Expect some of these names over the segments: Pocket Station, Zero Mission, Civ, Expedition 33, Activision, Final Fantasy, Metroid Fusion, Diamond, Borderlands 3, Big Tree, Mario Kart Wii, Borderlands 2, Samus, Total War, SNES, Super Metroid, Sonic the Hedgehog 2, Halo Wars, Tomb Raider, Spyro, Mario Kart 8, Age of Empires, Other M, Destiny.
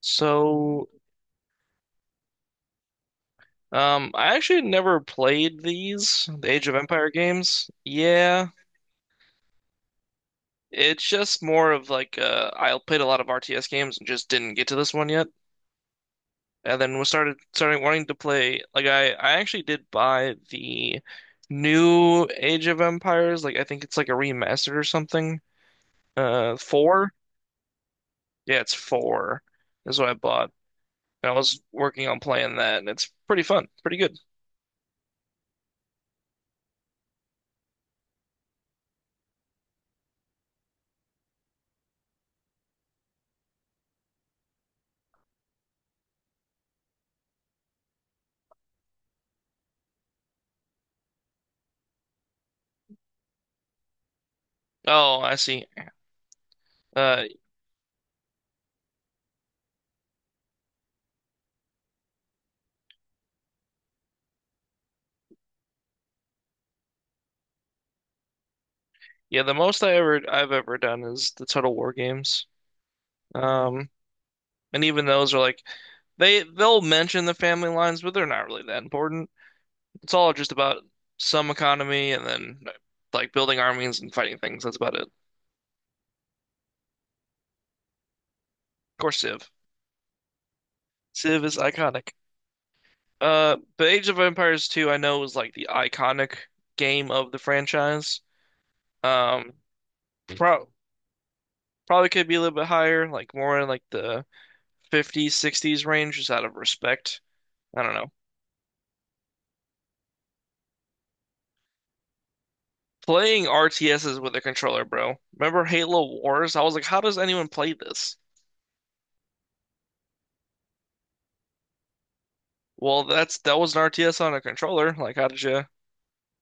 So, I actually never played the Age of Empire games. Yeah, it's just more of like I played a lot of RTS games and just didn't get to this one yet. And then was started starting wanting to play. Like I actually did buy the new Age of Empires. Like I think it's like a remastered or something. Four. Yeah, it's four. That's what I bought. And I was working on playing that, and it's pretty fun, pretty good. Oh, I see. Uh, Yeah, the most I've ever done is the Total War games. Um, and even those are like they'll mention the family lines, but they're not really that important. It's all just about some economy and then like building armies and fighting things. That's about it. Of course, Civ. Civ is iconic. But Age of Empires 2, I know was like the iconic game of the franchise. Um, pro Probably could be a little bit higher, like more in like the 50s, 60s range, just out of respect. I don't know. Playing RTSs with a controller, bro. Remember Halo Wars? I was like, how does anyone play this? Well, that was an RTS on a controller.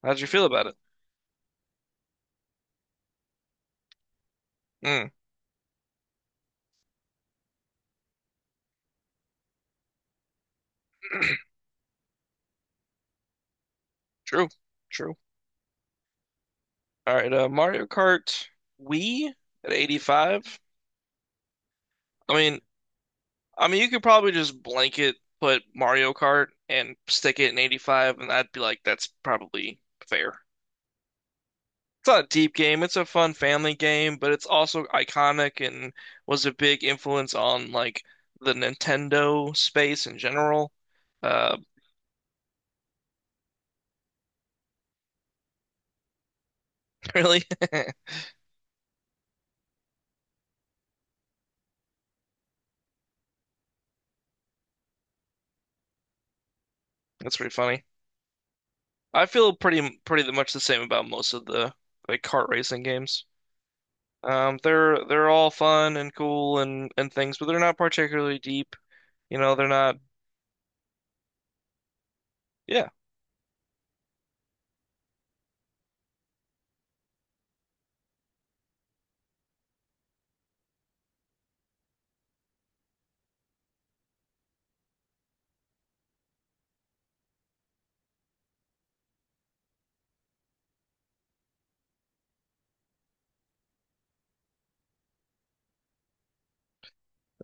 How did you feel about it? Mm, true, true. All right, Mario Kart Wii at 85. I mean, I mean, you could probably just blanket put Mario Kart and stick it in 85, and I'd be like, that's probably fair. It's not a deep game. It's a fun family game, but it's also iconic and was a big influence on like the Nintendo space in general. Uh, really, that's pretty funny. I feel pretty much the same about most of the like kart racing games. They're all fun and cool and things, but they're not particularly deep. You know, they're not. Yeah.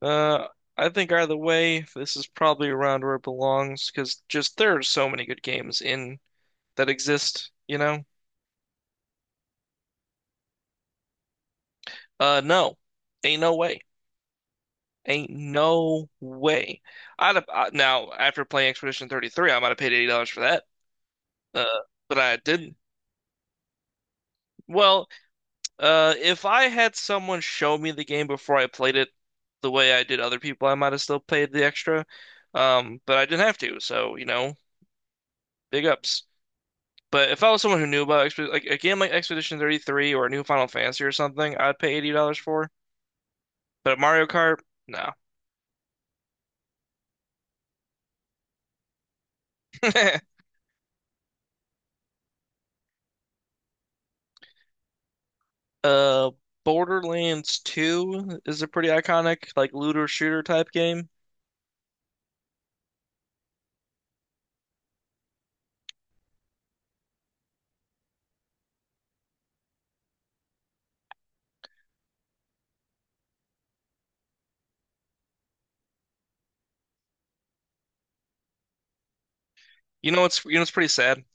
Uh, I think either way, this is probably around where it belongs because just there are so many good games in that exist, you know? No, ain't no way. Ain't no way. Now after playing Expedition 33, I might have paid $80 for that. Uh, but I didn't. Well, if I had someone show me the game before I played it the way I did other people, I might have still paid the extra. But I didn't have to, so you know, big ups. But if I was someone who knew about Exped like a game like Expedition 33 or a new Final Fantasy or something, I'd pay $80 for. But Mario Kart, no. Uh, Borderlands 2 is a pretty iconic, like looter shooter type game. You know what's pretty sad?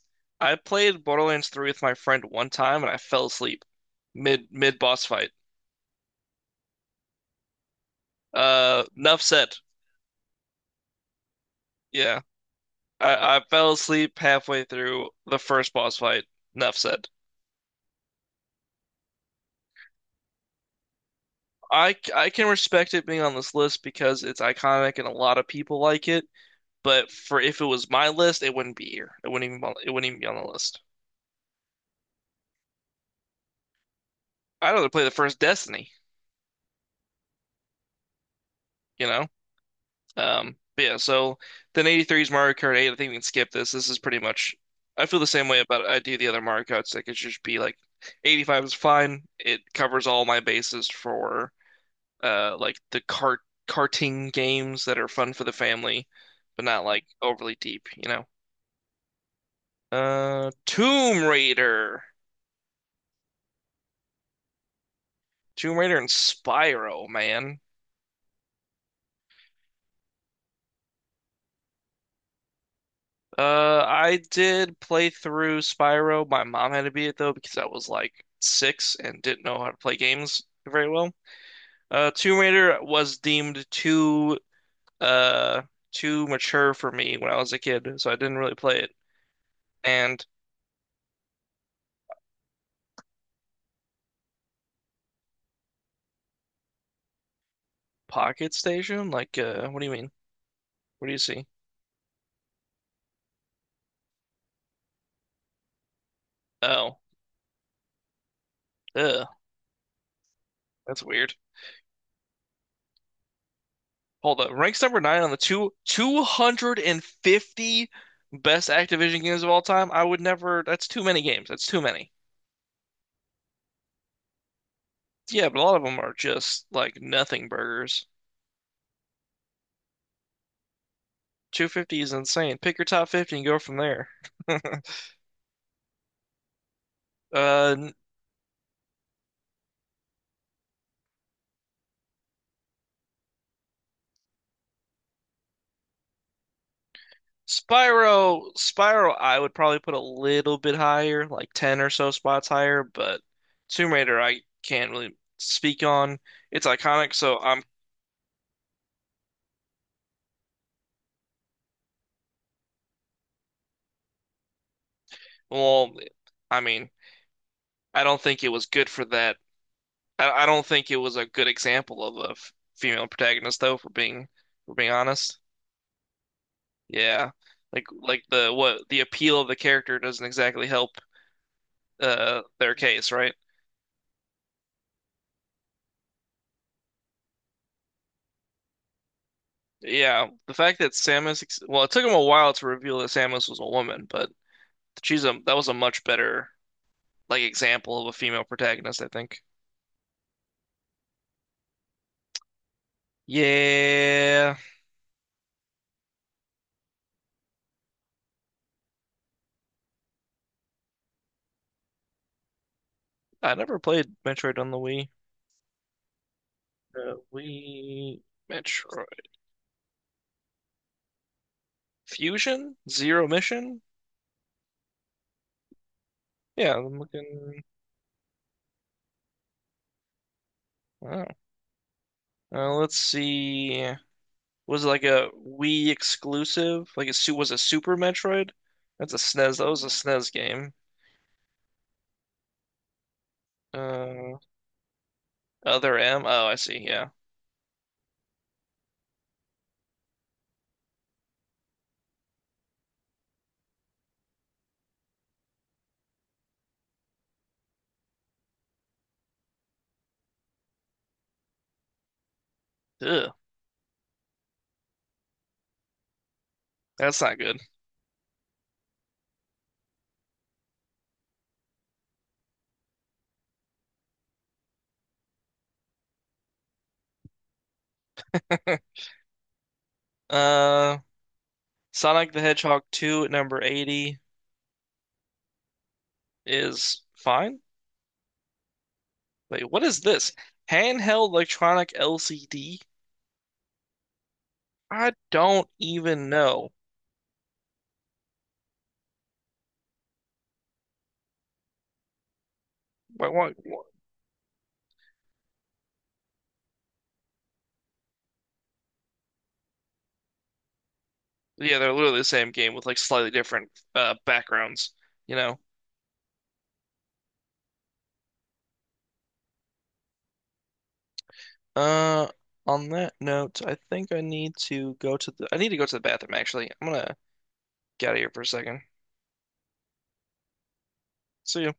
I played Borderlands 3 with my friend one time and I fell asleep mid boss fight. Enough said. Yeah. I fell asleep halfway through the first boss fight. Enough said. I can respect it being on this list because it's iconic and a lot of people like it, but for if it was my list, it wouldn't be here. It wouldn't even be on the list. I'd rather play the first Destiny, you know? But yeah, so then 83 is Mario Kart 8. I think we can skip this. This is pretty much, I feel the same way about I do the other Mario Karts. Like it should just be like 85 is fine. It covers all my bases for like the cart karting games that are fun for the family, but not like overly deep, you know. Uh, Tomb Raider, Tomb Raider and Spyro, man. I did play through Spyro. My mom had to beat it though because I was like six and didn't know how to play games very well. Tomb Raider was deemed uh too mature for me when I was a kid, so I didn't really play it. And Pocket Station, like, what do you mean? What do you see? Oh, ugh, that's weird. Hold up, ranks number nine on the two 250 best Activision games of all time. I would never. That's too many games. That's too many. Yeah, but a lot of them are just like nothing burgers. 250 is insane. Pick your top 50 and go from there. Uh, Spyro, I would probably put a little bit higher, like 10 or so spots higher, but Tomb Raider, I can't really speak on. It's iconic, well, I mean, I don't think it was good for that. I don't think it was a good example of a f- female protagonist, for being honest. Yeah. Like the what the appeal of the character doesn't exactly help their case, right? Yeah, the fact that Samus ex- well, it took him a while to reveal that Samus was a woman, but she's a that was a much better like example of a female protagonist, I think. Yeah, I never played Metroid on the Wii. Uh, Wii Metroid Fusion Zero Mission. Yeah, I'm looking. Oh, let's see. Was like a Wii exclusive. Like a su Was a Super Metroid. That's a SNES. That was a SNES game. Uh, Other M. Oh, I see. Yeah. Ugh, that's not good. Uh, Sonic the Hedgehog 2 at number 80 is fine. Wait, what is this? Handheld electronic LCD? I don't even know. What? Yeah, they're literally the same game with like slightly different backgrounds, you know. Uh, on that note, I think I need to go to the I need to go to the bathroom actually. I'm gonna get out of here for a second. See ya.